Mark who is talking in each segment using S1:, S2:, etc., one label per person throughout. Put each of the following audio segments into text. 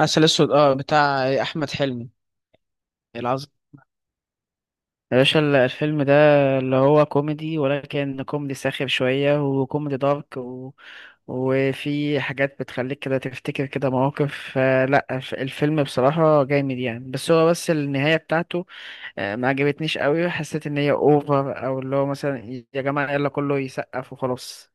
S1: عسل اسود، اه، بتاع احمد حلمي العظيم. يا باشا الفيلم ده، اللي هو كوميدي، ولكن كوميدي ساخر شوية وكوميدي دارك، وفي حاجات بتخليك كده تفتكر كده مواقف، فلا الفيلم بصراحة جامد يعني، بس هو بس النهاية بتاعته. ما عجبتنيش قوي، حسيت ان هي اوفر، او اللي هو مثلا، يا جماعة يلا كله يسقف وخلاص.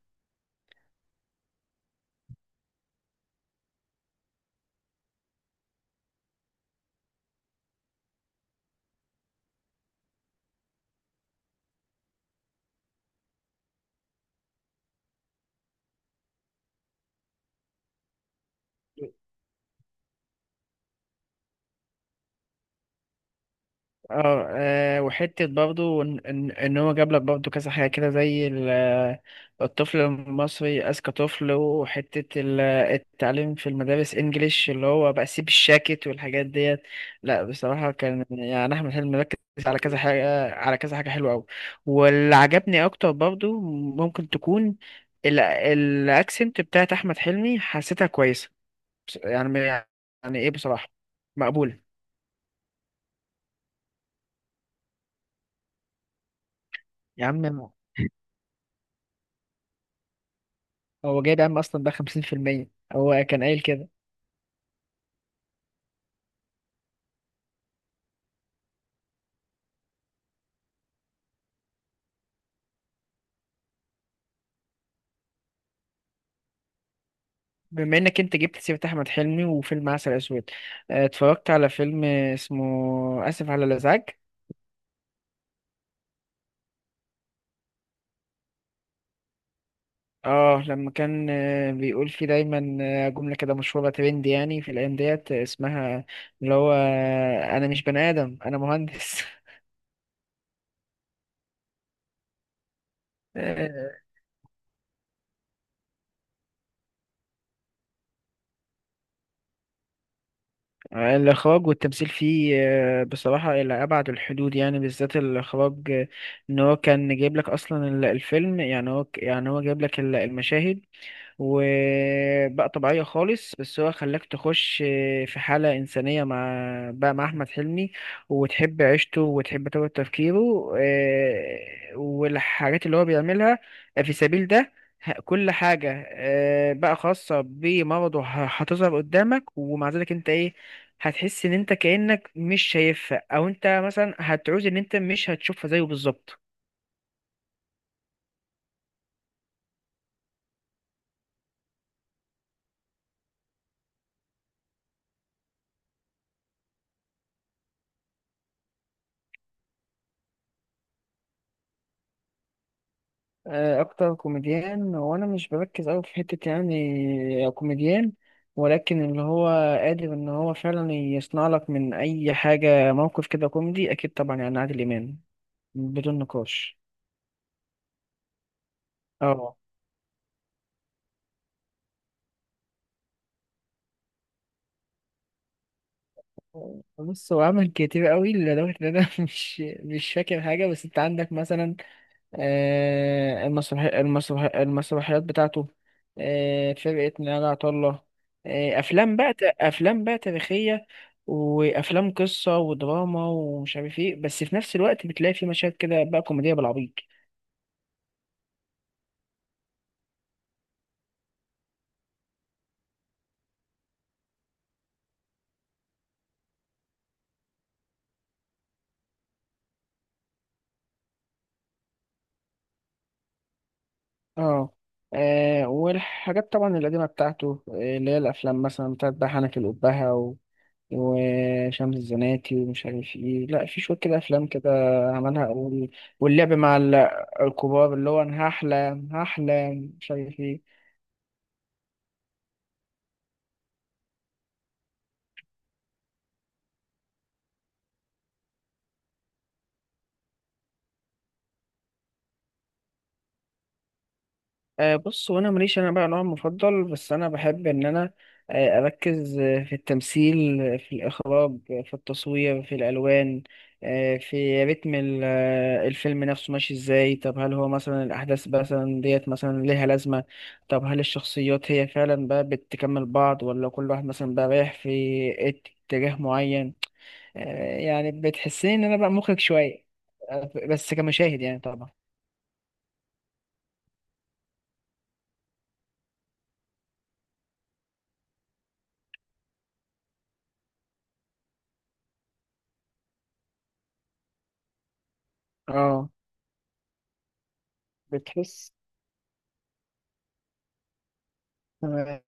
S1: اه، وحتة برضو ان ان إن هو جاب لك برضو كذا حاجة كده، زي الطفل المصري أذكى طفل، وحتة التعليم في المدارس انجليش، اللي هو بقى سيب الشاكت والحاجات ديت. لا بصراحة كان يعني أحمد حلمي مركز على كذا حاجة، على كذا حاجة حلوة أوي. واللي عجبني أكتر برضو ممكن تكون الأكسنت بتاعت أحمد حلمي، حسيتها كويسة. يعني إيه، بصراحة مقبولة. يا عم، هو جايب عم اصلا بقى 50%، هو كان قايل كده. بما انك انت جبت سيرة احمد حلمي وفيلم عسل اسود، اتفرجت على فيلم اسمه اسف على الازعاج. اه، لما كان بيقول فيه دايما جملة كده مشهورة، ترند يعني في الايام ديت، اسمها اللي هو انا مش بني ادم، انا مهندس. الإخراج والتمثيل فيه بصراحة إلى أبعد الحدود، يعني بالذات الإخراج. إن هو كان جايب لك أصلا الفيلم، يعني هو يعني هو جايب لك المشاهد، وبقى طبيعية خالص، بس هو خلاك تخش في حالة إنسانية مع، بقى مع أحمد حلمي، وتحب عيشته وتحب طريقة تفكيره، والحاجات اللي هو بيعملها في سبيل ده. كل حاجة بقى خاصة بمرضه هتظهر قدامك، ومع ذلك انت ايه، هتحس ان انت كأنك مش شايفها، او انت مثلا هتعوز ان انت مش هتشوفها زيه بالظبط. اكتر كوميديان، وانا مش بركز قوي في حتة يعني كوميديان، ولكن اللي هو قادر ان هو فعلا يصنع لك من اي حاجة موقف كده كوميدي، اكيد طبعا يعني عادل امام بدون نقاش. اه، بص هو عمل كتير قوي، لدرجة ان انا مش فاكر حاجة، بس انت عندك مثلا المسرحيات بتاعته، فرقة نيال عطلة، أفلام بقى أفلام بقى تاريخية، وأفلام قصة ودراما، ومش عارف إيه، بس في نفس الوقت بتلاقي في مشاهد كده بقى كوميدية بالعبيط. اه، والحاجات طبعا القديمة بتاعته اللي هي الأفلام مثلا بتاعت بقى حنك الأبهة وشمس الزناتي، ومش عارف ايه، لا في شوية كده افلام كده عملها، وال- واللعب مع الكبار، اللي هو انا هحلم، مش عارف ايه. بص، وانا ماليش انا بقى نوع مفضل، بس انا بحب ان انا اركز في التمثيل، في الاخراج، في التصوير، في الالوان، في رتم الفيلم نفسه ماشي ازاي. طب هل هو مثلا الاحداث مثلا ديت مثلا ليها لازمه؟ طب هل الشخصيات هي فعلا بقى بتكمل بعض، ولا كل واحد مثلا بقى رايح في اتجاه معين؟ يعني بتحسني ان انا بقى مخرج شويه، بس كمشاهد يعني طبعا. اه، بتحس، تمام.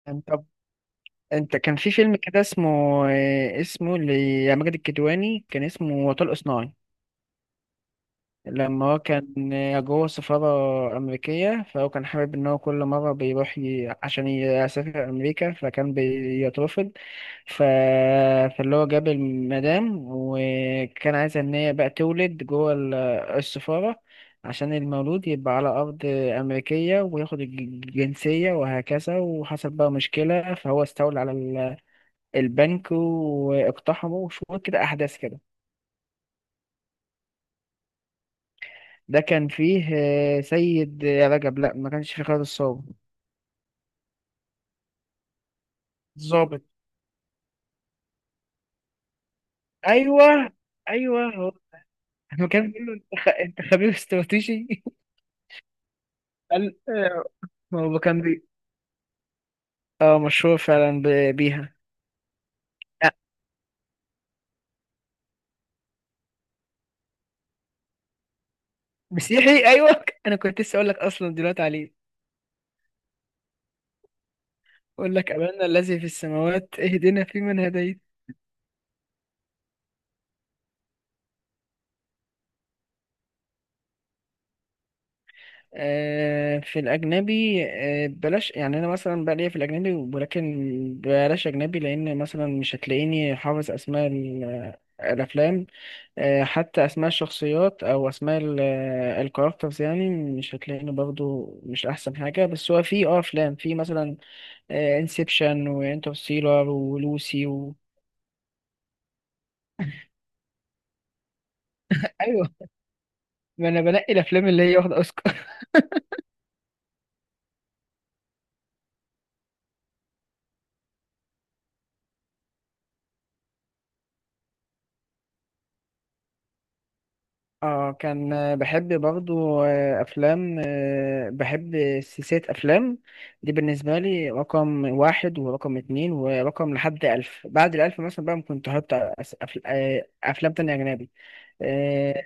S1: انت كان في فيلم كده اسمه اسمه لماجد الكدواني، كان اسمه وطلق صناعي. لما هو كان جوه سفارة أمريكية، فهو كان حابب إن هو كل مرة بيروح عشان يسافر أمريكا، فكان بيترفض. ف... فاللي هو جاب المدام، وكان عايز إن هي بقى تولد جوه السفارة، عشان المولود يبقى على أرض أمريكية وياخد الجنسية وهكذا. وحصل بقى مشكلة، فهو استولى على البنك واقتحموا شوية كده أحداث كده. ده كان فيه سيد رجب، لا ما كانش فيه خالد الصاوي. الظابط، أيوه، أيوه، هو لما كان بيقول له: أنت أنت خبير استراتيجي. قال ما هو كان بي، اه مشهور فعلا بيها. آه، مسيحي، أيوه. أنا كنت لسه أقول لك أصلا دلوقتي عليه. أقول لك: أبانا الذي في السماوات اهدنا فيمن هديت. في الأجنبي بلاش، يعني أنا مثلا بقى ليا في الأجنبي، ولكن بلاش أجنبي، لأن مثلا مش هتلاقيني حافظ أسماء الأفلام، حتى أسماء الشخصيات أو أسماء الكاركترز، يعني مش هتلاقيني برضو مش أحسن حاجة. بس هو في أه أفلام، في مثلا انسبشن وانترستيلر ولوسي أيوه، ما أنا بنقي الأفلام اللي هي واخدة أوسكار. اه، كان بحب برضو افلام، بحب سلسلة افلام، دي بالنسبة لي رقم واحد ورقم اتنين ورقم لحد الف بعد الالف. مثلا بقى ممكن تحط افلام تانية اجنبي. آه،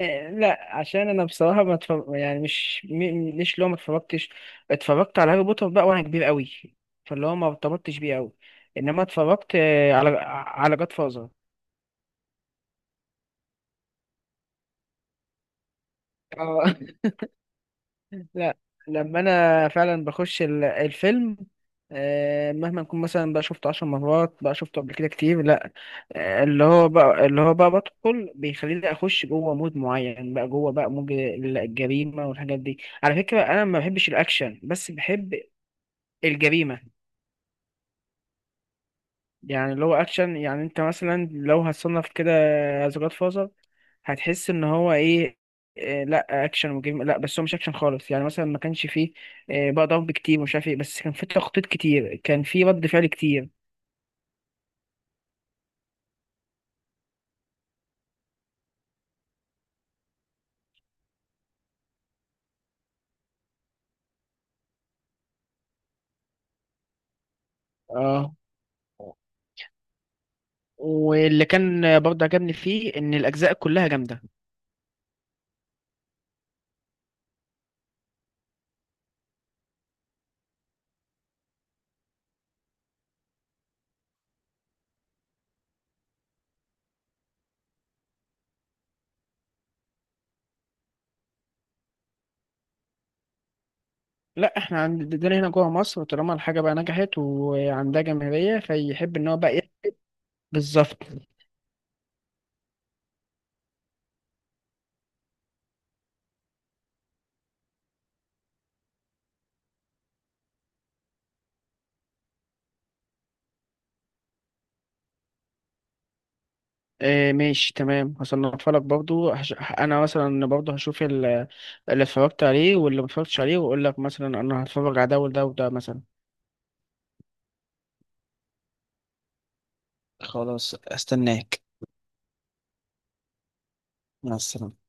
S1: لا، عشان انا بصراحة ما اتفرج يعني، مش لو ما اتفرجتش. اتفرجت على هاري بوتر بقى وانا كبير قوي، فاللي هو ما ارتبطتش بيه قوي، انما اتفرجت على جاد فازر. لا، لما انا فعلا بخش الفيلم، مهما نكون مثلا بقى شفته 10 مرات، بقى شفته قبل كده كتير. لا اللي هو بقى بدخل بيخليني اخش جوه مود معين، بقى جوه بقى مود الجريمه والحاجات دي. على فكره انا ما بحبش الاكشن، بس بحب الجريمه. يعني اللي هو اكشن، يعني انت مثلا لو هتصنف كده از جاد فازر، هتحس ان هو ايه؟ إيه، لا اكشن وجيم، لا بس هو مش اكشن خالص، يعني مثلا ما كانش فيه إيه، بقى ضرب كتير ومش عارف ايه، بس كان فيه تخطيط كتير، كان فيه رد فعل كتير. اه، واللي كان برضه عجبني فيه ان الاجزاء كلها جامده. لا، احنا عندنا هنا جوه مصر طالما الحاجه بقى نجحت وعندها جماهيريه، فيحب ان هو بقى ايه. بالظبط. إيه، ماشي تمام، هصنفها لك برضو. انا مثلا برضو هشوف اللي اتفرجت عليه واللي ما اتفرجتش عليه، واقول لك مثلا انا هتفرج على ده وده وده مثلا. خلاص، استناك. مع السلامة.